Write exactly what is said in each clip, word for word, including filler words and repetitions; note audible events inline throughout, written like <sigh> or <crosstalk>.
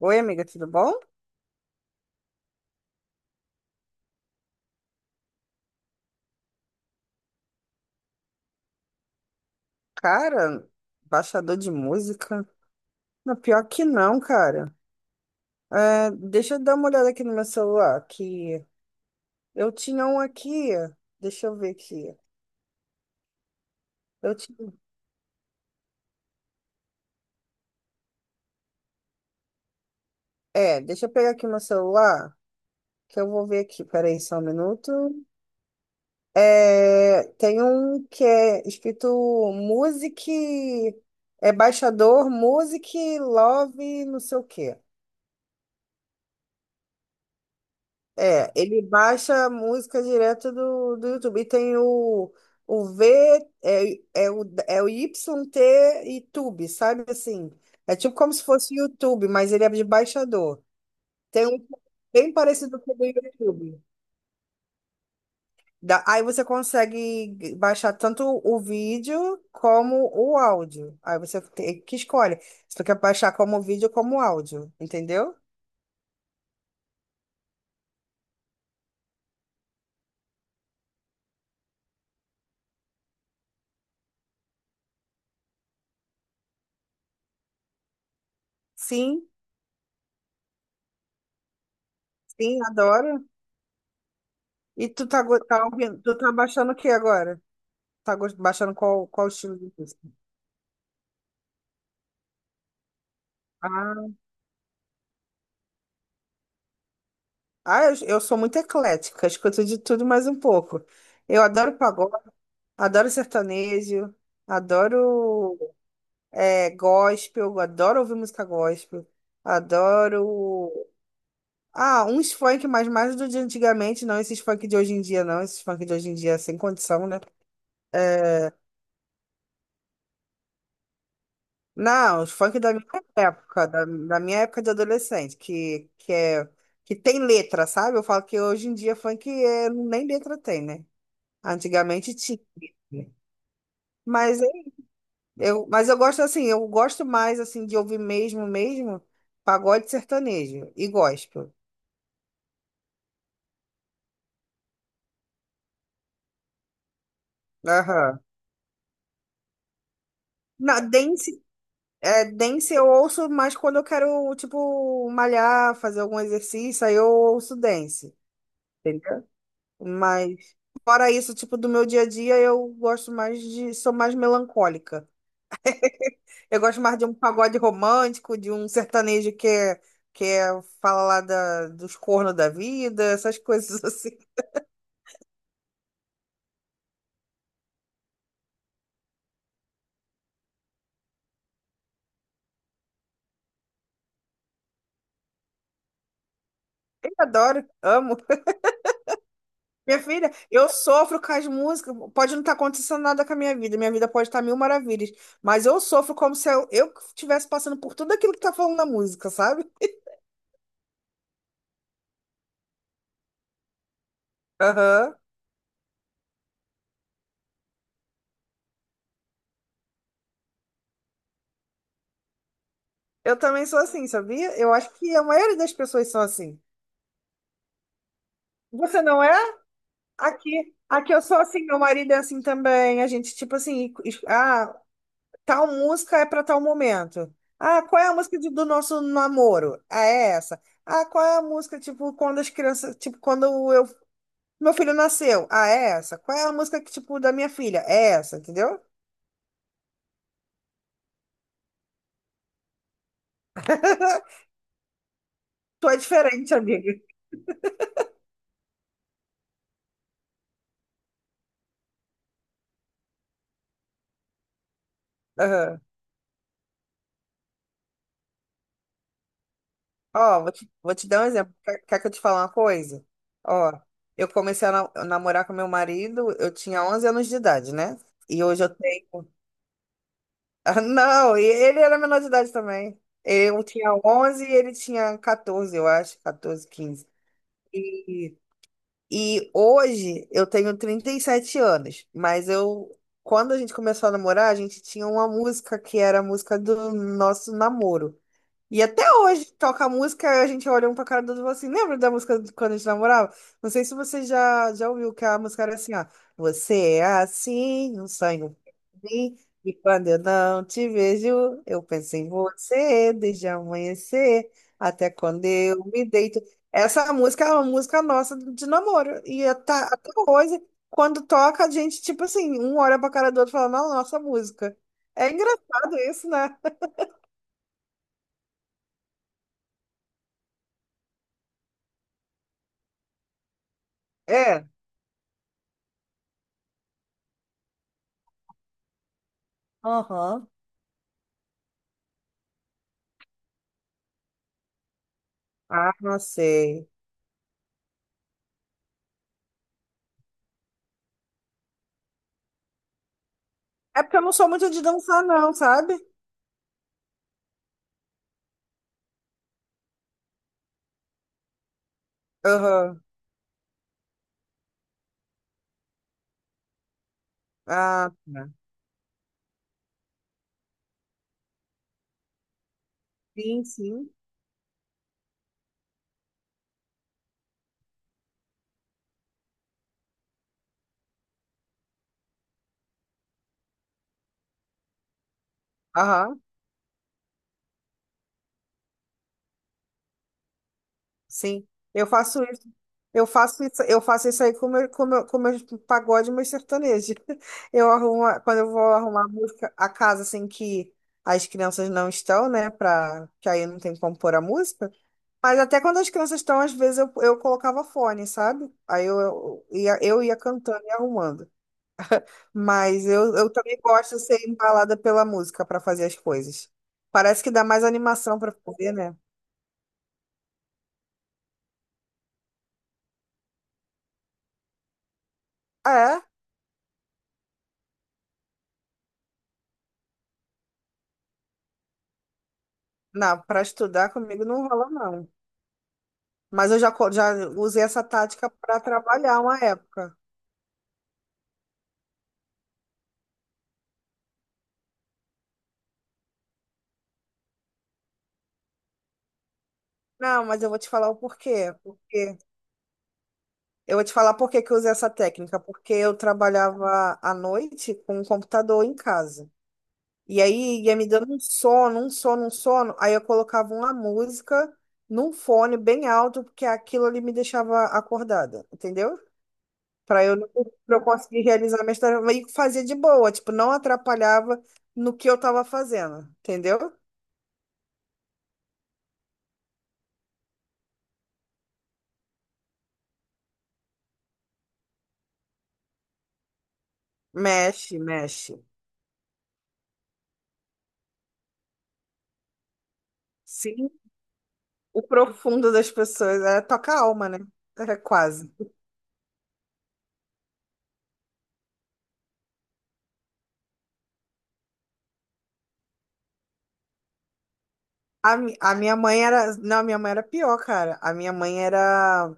Oi, amiga, tudo bom? Cara, baixador de música? Não, pior que não, cara. É, deixa eu dar uma olhada aqui no meu celular, que eu tinha um aqui, deixa eu ver aqui. Eu tinha... É, deixa eu pegar aqui meu celular, que eu vou ver aqui, peraí só um minuto. É, tem um que é escrito Music, é baixador Music Love não sei o quê. É, ele baixa a música direto do, do YouTube. E tem o, o V, é, é o, é o Y T e Tube, sabe assim? É tipo como se fosse YouTube, mas ele é de baixador. Tem um bem parecido com o do YouTube. Da- aí você consegue baixar tanto o vídeo como o áudio. Aí você tem que escolhe se tu quer baixar como vídeo como áudio, entendeu? Sim, sim, adoro. E tu tá, go- tá ouvindo, tu tá baixando o que agora? Tá gost- baixando qual, qual estilo de música? Ah, ah, eu, eu sou muito eclética, escuto de tudo mais um pouco. Eu adoro pagode, adoro sertanejo, adoro é, gospel, adoro ouvir música gospel, adoro. Ah, uns funk, mas mais do de antigamente, não esses funk de hoje em dia, não. Esses funk de hoje em dia, sem condição, né? É, não, os funk da minha época, da, da minha época de adolescente, que, que, é, que tem letra, sabe? Eu falo que hoje em dia funk é, nem letra tem, né? Antigamente tinha. Mas é- eu, mas eu gosto assim, eu gosto mais assim de ouvir mesmo, mesmo, pagode sertanejo e gospel. Aham. Na dance, é, dance eu ouço mais quando eu quero, tipo, malhar, fazer algum exercício, aí eu ouço dance. Entendeu? Mas fora isso, tipo, do meu dia a dia, eu gosto mais de, sou mais melancólica. Eu gosto mais de um pagode romântico, de um sertanejo que é, que é fala lá da, dos cornos da vida, essas <laughs> coisas assim. Eu adoro, amo. Minha filha, eu sofro com as músicas. Pode não estar acontecendo nada com a minha vida, minha vida pode estar mil maravilhas, mas eu sofro como se eu, eu estivesse passando por tudo aquilo que tá falando na música, sabe? Aham. Eu também sou assim, sabia? Eu acho que a maioria das pessoas são assim. Você não é? Aqui, aqui eu sou assim, meu marido é assim também. A gente, tipo assim, es- ah, tal música é para tal momento. Ah, qual é a música de- do nosso namoro? Ah, é essa. Ah, qual é a música, tipo, quando as crianças, tipo, quando eu, meu filho nasceu? Ah, é essa. Qual é a música que, tipo, da minha filha? É essa, entendeu? Tu é diferente, <laughs> amiga. Ó, vou te, vou te dar um exemplo. Quer, quer que eu te fale uma coisa? Ó, eu comecei a na- namorar com meu marido, eu tinha onze anos de idade, né? E hoje eu tenho. <laughs> Ah, não, e ele era menor de idade também. Eu tinha onze e ele tinha catorze, eu acho, catorze, quinze. E, e hoje eu tenho trinta e sete anos, mas eu. Quando a gente começou a namorar, a gente tinha uma música que era a música do nosso namoro. E até hoje toca música, a gente olha um pra cara do outro e fala assim, lembra da música de quando a gente namorava? Não sei se você já, já ouviu que a música era assim, ó. Você é assim, um sonho pra mim, e quando eu não te vejo, eu penso em você desde amanhecer até quando eu me deito. Essa música é uma música nossa de namoro. E até, até hoje, quando toca, a gente, tipo assim, um olha pra cara do outro e fala, "Não, nossa música. É engraçado isso, né? É. Aham. Ah, não sei. É porque eu não sou muito de dançar, não, sabe? Aham. Ah, tá. Sim, sim. Aham, sim. Eu faço isso. Eu faço isso, eu faço isso aí com meu, com meu, com meus pagode e meus sertanejos. <laughs> Eu arrumo, a- quando eu vou arrumar a música, a casa assim que as crianças não estão, né? Pra, que aí não tem como pôr a música. Mas até quando as crianças estão, às vezes eu, eu colocava fone, sabe? Aí eu, eu, ia, eu ia cantando e arrumando. Mas eu, eu também gosto de ser embalada pela música para fazer as coisas. Parece que dá mais animação para fazer, né? É, não, para estudar comigo não rola, não. Mas eu já, co- já usei essa tática para trabalhar uma época. Não, mas eu vou te falar o porquê. Porque eu vou te falar por que que eu usei essa técnica. Porque eu trabalhava à noite com um computador em casa. E aí ia me dando um sono, um sono, um sono. Aí eu colocava uma música num fone bem alto, porque aquilo ali me deixava acordada, entendeu? Pra eu, não- Pra eu conseguir realizar minha história. E fazia de boa, tipo, não atrapalhava no que eu tava fazendo, entendeu? Mexe, mexe. Sim, o profundo das pessoas. É, toca a alma, né? É, quase. A, mi- a minha mãe era. Não, a minha mãe era pior, cara. A minha mãe era.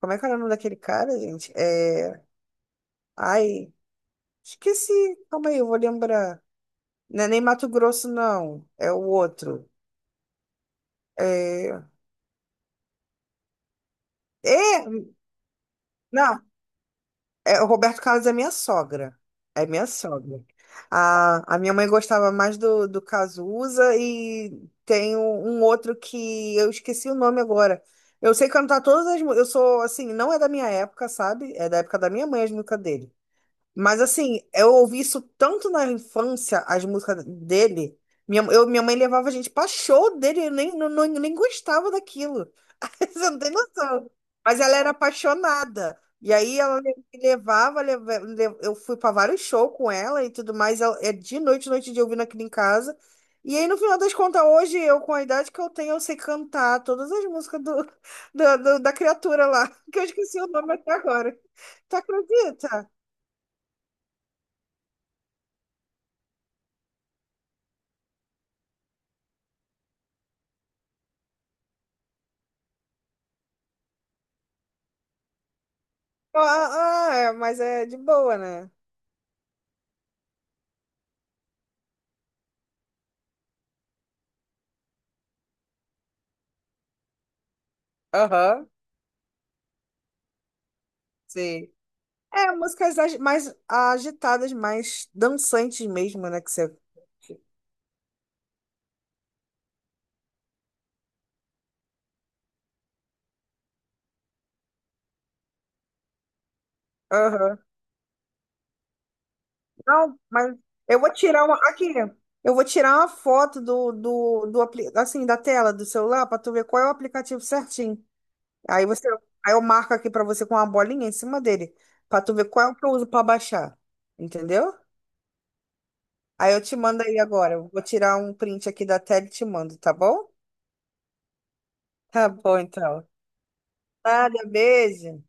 Como é que era o nome daquele cara, gente? É. Ai. Esqueci. Calma aí, eu vou lembrar. Não é nem Mato Grosso, não. É o outro. É... é... Não, é o Roberto Carlos é minha sogra. É minha sogra. A, a minha mãe gostava mais do, do Cazuza e tem um, um outro que eu esqueci o nome agora. Eu sei cantar todas as músicas. Eu sou, assim, não é da minha época, sabe? É da época da minha mãe as músicas dele. Mas assim, eu ouvi isso tanto na infância, as músicas dele. Minha, eu, minha mãe levava a gente pra show dele, eu nem, não, não- nem gostava daquilo. <laughs> Você não tem noção. Mas ela era apaixonada. E aí ela me levava, leva- le- eu fui pra vários shows com ela e tudo mais. Ela- É de noite, noite de ouvindo aquilo em casa. E aí, no final das contas, hoje, eu, com a idade que eu tenho, eu sei cantar todas as músicas do, <laughs> da da- da criatura lá, <laughs> que eu esqueci o nome até agora. Tu acredita? Ah, ah, é, mas é de boa, né? Aham, sim. É, músicas agi- mais agitadas, mais dançantes mesmo, né? Que você. Aham. Não, mas eu vou tirar uma. Aqui, eu vou tirar uma foto do, do, do apli- assim, da tela do celular pra tu ver qual é o aplicativo certinho. Aí você. Aí eu marco aqui pra você com uma bolinha em cima dele, pra tu ver qual é o que eu uso pra baixar. Entendeu? Aí eu te mando aí agora. Eu vou tirar um print aqui da tela e te mando, tá bom? Tá bom, então. Nada, beijo. Tchau.